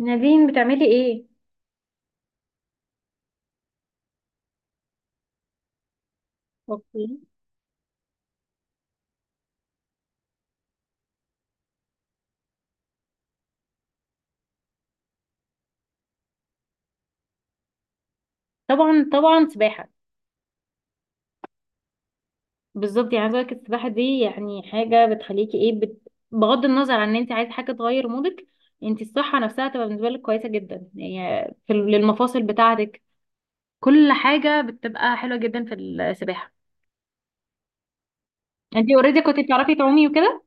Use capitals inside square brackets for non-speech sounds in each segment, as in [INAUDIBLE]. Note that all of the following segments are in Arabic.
نادين بتعملي ايه؟ اوكي. طبعا، سباحه. بالظبط، يعني عايزه اقول لك السباحه دي يعني حاجه بغض النظر عن ان انت عايزه حاجه تغير مودك، انت الصحه نفسها تبقى بالنسبه لك كويسه جدا، يعني في للمفاصل بتاعتك، كل حاجه بتبقى حلوه جدا في السباحه. انت اوريدي كنت بتعرفي تعومي وكده؟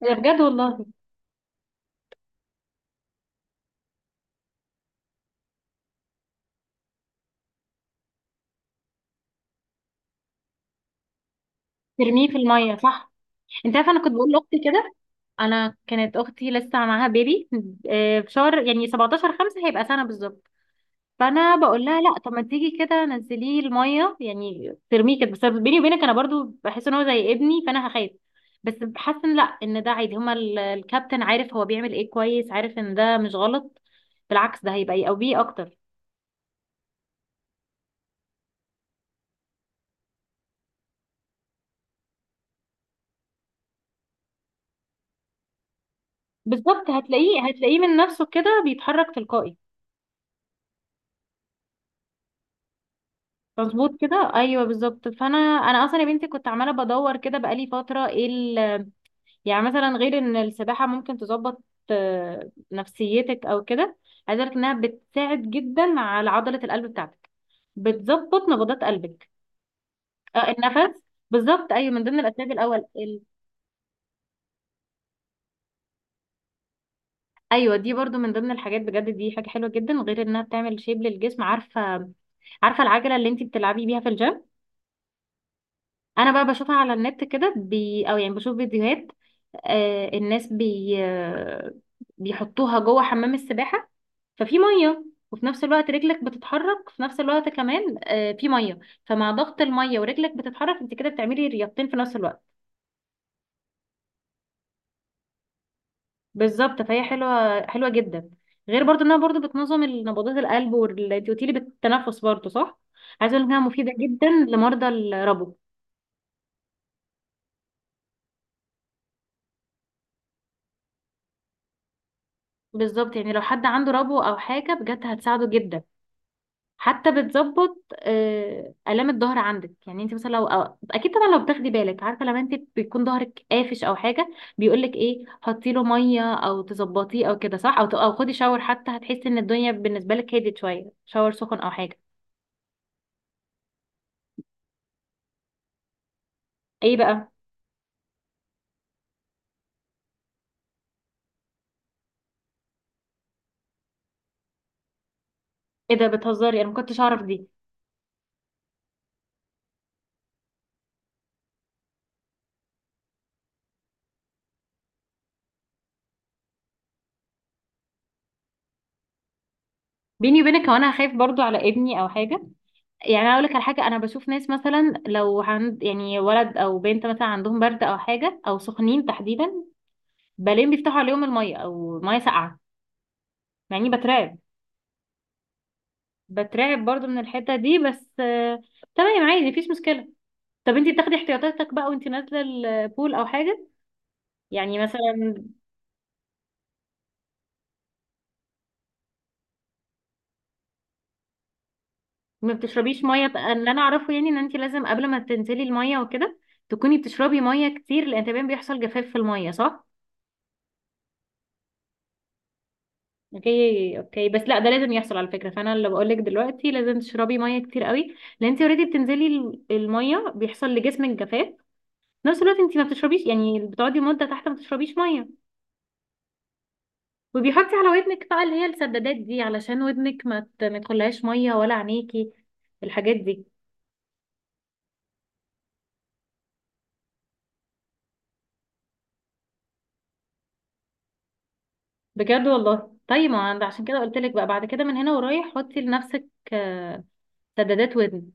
ده بجد والله؟ ترميه في الميه صح. انت عارفه انا كنت بقول لاختي كده، انا كانت اختي لسه معاها بيبي، في شهر يعني 17 5، هيبقى سنه بالظبط. فانا بقول لها لا، طب ما تيجي كده نزليه الميه، يعني ترميه كده، بس بيني وبينك انا برضو بحس ان هو زي ابني فانا هخاف. بس بحس ان لا، ان ده عادي، هما الكابتن عارف هو بيعمل ايه، كويس عارف ان ده مش غلط، بالعكس ده هيبقى يقويه اكتر. بالظبط، هتلاقيه من نفسه كده بيتحرك تلقائي. مظبوط كده، ايوه بالظبط. فانا اصلا يا بنتي كنت عماله بدور كده بقالي فتره، ايه يعني مثلا غير ان السباحة ممكن تظبط نفسيتك او كده، عايزة اقولك انها بتساعد جدا على عضلة القلب بتاعتك، بتظبط نبضات قلبك. النفس بالظبط، ايوه من ضمن الاسباب الاول ايوه، دي برضو من ضمن الحاجات، بجد دي حاجة حلوة جدا. غير انها بتعمل شيب للجسم، عارفة؟ عارفة العجلة اللي انتي بتلعبي بيها في الجيم؟ انا بقى بشوفها على النت كده بي او يعني بشوف فيديوهات، الناس بي آه بيحطوها جوه حمام السباحة، ففي مية، وفي نفس الوقت رجلك بتتحرك في نفس الوقت، كمان في مية، فمع ضغط المية ورجلك بتتحرك انت كده بتعملي رياضتين في نفس الوقت. بالظبط، فهي حلوة جدا، غير برضو انها برضو بتنظم نبضات القلب، وانت قلتيلي بالتنفس برضو صح، عايزة اقول انها مفيدة جدا لمرضى الربو. بالظبط يعني لو حد عنده ربو او حاجة بجد هتساعده جدا، حتى بتظبط آلام الظهر عندك. يعني انت مثلا لو أو اكيد طبعا لو بتاخدي بالك، عارفه لما انت بيكون ظهرك قافش او حاجه، بيقول لك ايه؟ حطي له ميه او تظبطيه او كده صح، او او خدي شاور، حتى هتحسي ان الدنيا بالنسبه لك هديت شويه، شاور سخن او حاجه. ايه بقى؟ ايه ده بتهزري؟ انا ما كنتش اعرف دي. بيني وبينك هو انا خايف برضو على ابني او حاجه. يعني اقول لك على حاجه، انا بشوف ناس مثلا لو عند يعني ولد او بنت مثلا عندهم برد او حاجه او سخنين تحديدا، بلين بيفتحوا عليهم الميه او ميه ساقعه، يعني بترعب، بترعب برضو من الحتة دي، بس تمام عادي مفيش مشكلة. طب انتي بتاخدي احتياطاتك بقى وانتي نازلة البول او حاجة؟ يعني مثلا ما بتشربيش مية، اللي انا اعرفه يعني ان انتي لازم قبل ما تنزلي المية وكده تكوني بتشربي مية كتير، لان تمام بيحصل جفاف في المية صح. اوكي، بس لا، ده لازم يحصل على فكرة، فانا اللي بقولك دلوقتي لازم تشربي مية كتير قوي، لان انتي اوريدي بتنزلي المية بيحصل لجسمك جفاف، في نفس الوقت انتي ما بتشربيش، يعني بتقعدي مدة تحت ما بتشربيش مية. وبيحطي على ودنك بقى اللي هي السدادات دي، علشان ودنك ما تخليهاش ميه، ولا عينيكي الحاجات دي. بجد والله؟ طيب ما عند عشان كده قلت لك بقى، بعد كده من هنا ورايح حطي لنفسك آه، سدادات ودن.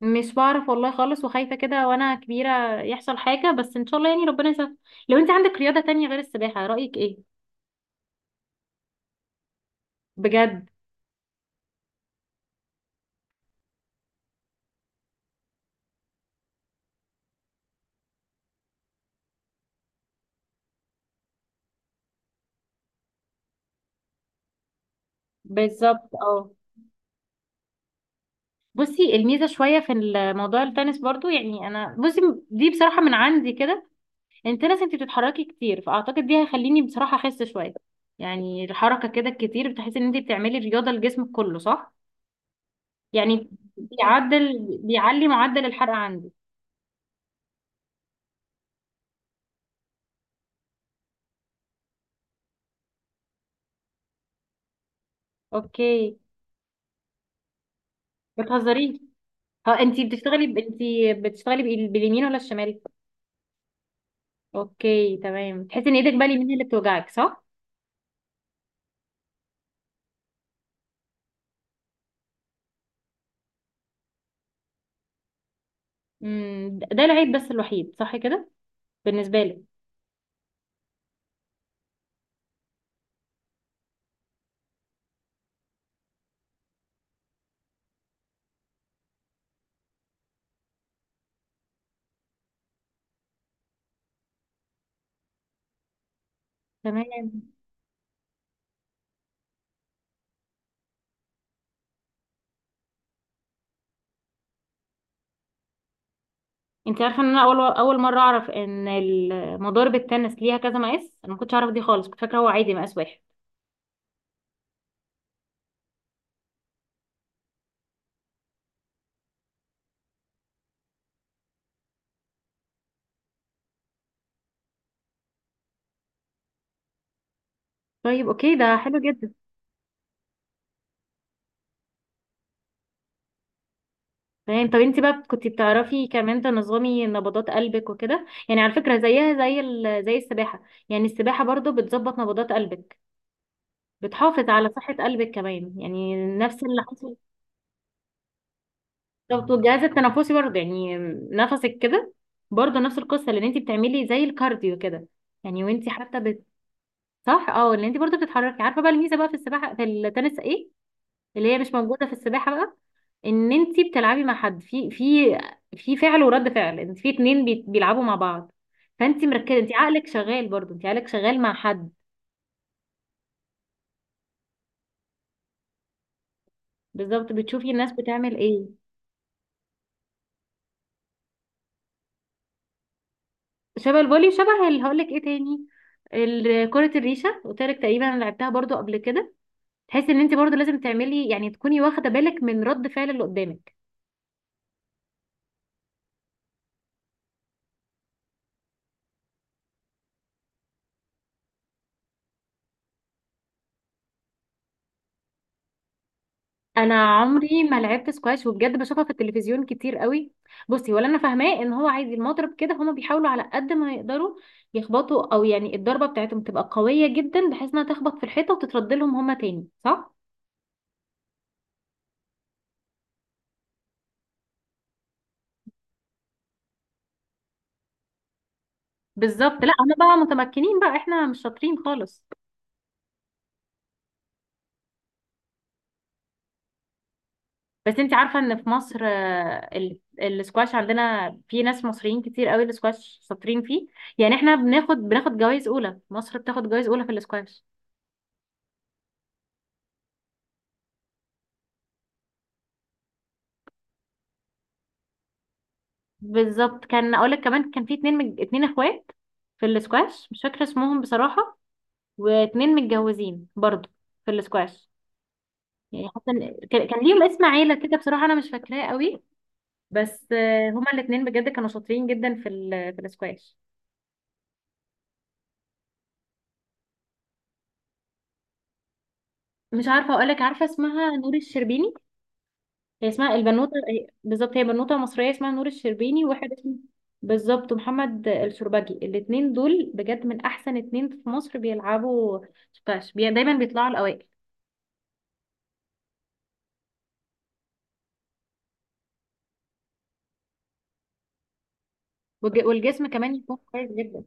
مش بعرف والله خالص، وخايفه كده وانا كبيره يحصل حاجه، بس ان شاء الله يعني ربنا يسهل. لو انت عندك رياضه تانية غير السباحه رايك ايه؟ بجد؟ بالظبط اه. بصي، الميزه شويه في الموضوع التنس برضو، يعني انا بصي دي بصراحه من عندي كده، التنس انت بتتحركي كتير، فاعتقد دي هيخليني بصراحه اخس شويه، يعني الحركه كده الكتير بتحسي ان انت بتعملي رياضه لجسمك كله صح، يعني بيعدل، بيعلي معدل الحرق عندي. اوكي. بتهزريش؟ ها انت انت بتشتغلي باليمين ولا الشمال؟ اوكي تمام، تحسي ان ايدك بقى اليمين هي اللي بتوجعك صح. ده العيب بس الوحيد صح كده بالنسبه لك. تمام. انت عارفه ان انا اول مره اعرف ان مضارب التنس ليها كذا مقاس؟ انا ما كنتش اعرف دي خالص، كنت فاكره هو عادي مقاس واحد. طيب اوكي ده حلو جدا. تمام. طب انت بقى كنت بتعرفي كمان تنظمي نبضات قلبك وكده؟ يعني على فكرة زيها زي زي السباحة، يعني السباحة برضو بتظبط نبضات قلبك، بتحافظ على صحة قلبك كمان، يعني نفس اللي حصل. بالظبط، والجهاز التنفسي برضو، يعني نفسك كده، برضو نفس القصة، لان انت بتعملي زي الكارديو كده، يعني وانت حتى صح اه، اللي انت برضو بتتحركي. عارفة بقى الميزة بقى في السباحة في التنس ايه، اللي هي مش موجودة في السباحة بقى؟ ان انت بتلعبي مع حد، في في فعل ورد فعل، انت في اتنين بيلعبوا مع بعض، فانت مركزه، انت عقلك شغال، برضو انت عقلك شغال مع حد. بالظبط، بتشوفي الناس بتعمل ايه. شبه الفولي، شبه اللي هقول لك ايه تاني، كرة الريشة، قلت لك تقريبا انا لعبتها برضو قبل كده، تحسي ان انت برضو لازم تعملي، يعني تكوني واخدة بالك من رد فعل اللي قدامك. انا عمري ما لعبت سكواش، وبجد بشوفها في التلفزيون كتير قوي. بصي ولا انا فاهماه ان هو عايز المضرب كده، هما بيحاولوا على قد ما يقدروا يخبطوا، او يعني الضربه بتاعتهم تبقى قويه جدا بحيث انها تخبط في الحيطه وتترد لهم هما تاني صح. بالظبط، لا هما بقى متمكنين بقى، احنا مش شاطرين خالص. بس انت عارفه ان في مصر السكواش عندنا في ناس مصريين كتير قوي السكواش شاطرين فيه؟ يعني احنا بناخد جوائز اولى، مصر بتاخد جوائز اولى في السكواش. بالظبط، كان اقولك كمان، كان في اتنين اتنين اخوات في الاسكواش، مش فاكره اسمهم بصراحه، واتنين متجوزين برضو في الاسكواش. يعني حتى كان ليهم اسم عيله كده، بصراحه انا مش فاكراه قوي، بس هما الاتنين بجد كانوا شاطرين جدا في في الاسكواش. مش عارفه اقولك، عارفه اسمها نور الشربيني؟ هي اسمها البنوته بالظبط، هي بنوته مصريه اسمها نور الشربيني، وواحد اسمه بالظبط محمد الشربجي، الاتنين دول بجد من احسن اتنين في مصر بيلعبوا سكواش، دايما بيطلعوا الاوائل. والجسم كمان يكون كويس جدا.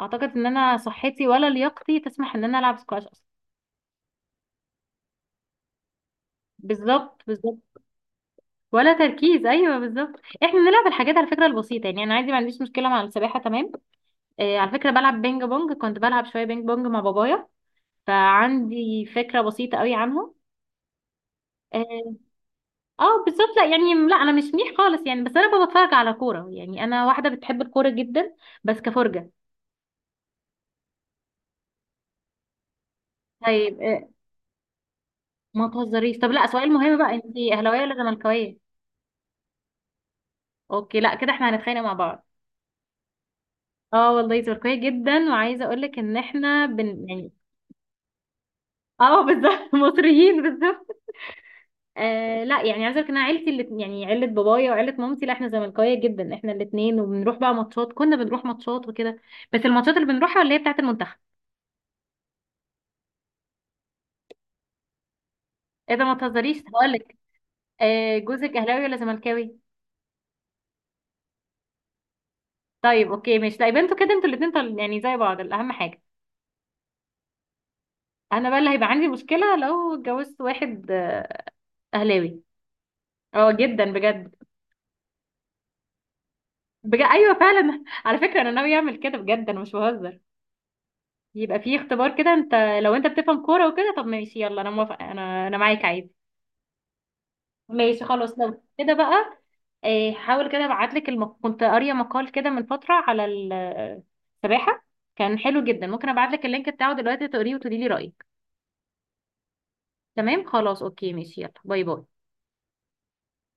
اعتقد ان انا صحتي ولا لياقتي تسمح ان انا العب سكواش اصلا. بالظبط. ولا تركيز ايوه بالظبط، احنا بنلعب الحاجات على فكره البسيطه، يعني انا عادي ما عنديش مشكله مع السباحه تمام. آه على فكره بلعب بينج بونج، كنت بلعب شويه بينج بونج مع بابايا، فعندي فكره بسيطه قوي عنه. اه. بالظبط، لا يعني لا، انا مش منيح خالص يعني، بس انا بتفرج على كوره، يعني انا واحده بتحب الكوره جدا بس كفرجه. طيب آه ما تهزريش. طب لا، سؤال مهم بقى، انت اهلاويه ولا زملكاويه؟ اوكي لا كده احنا هنتخانق مع بعض. اه والله تركيا جدا، وعايزه اقول لك ان احنا بن [LAUGHS] يعني اه بالظبط [LAUGHS] مصريين بالظبط. آه لا، يعني عايزه اقول لك ان انا عيلتي اللي يعني عيله بابايا وعيله مامتي، لا احنا زملكاويه جدا احنا الاثنين، وبنروح بقى ماتشات، كنا بنروح ماتشات وكده، بس الماتشات اللي بنروحها اللي هي بتاعه المنتخب. ايه ده ما تهزريش، هقول لك جوزك اهلاوي ولا زملكاوي؟ طيب اوكي ماشي، لا يبقى انتوا كده انتوا الاثنين يعني زي بعض اهم حاجه. انا بقى اللي هيبقى عندي مشكله لو اتجوزت واحد اهلاوي، اه جدا بجد. بجد ايوه فعلا [LAUGHS] على فكره انا ناوي اعمل كده بجد انا مش بهزر، يبقى في اختبار كده انت، لو انت بتفهم كوره وكده طب ماشي يلا انا موافقه، انا معاك عادي. ماشي خلاص لو كده بقى حاول كده ابعت لك كنت قاريه مقال كده من فتره على السباحه، كان حلو جدا، ممكن ابعت لك اللينك بتاعه دلوقتي تقريه وتقولي لي رايك. تمام خلاص اوكي ماشي، يلا باي باي.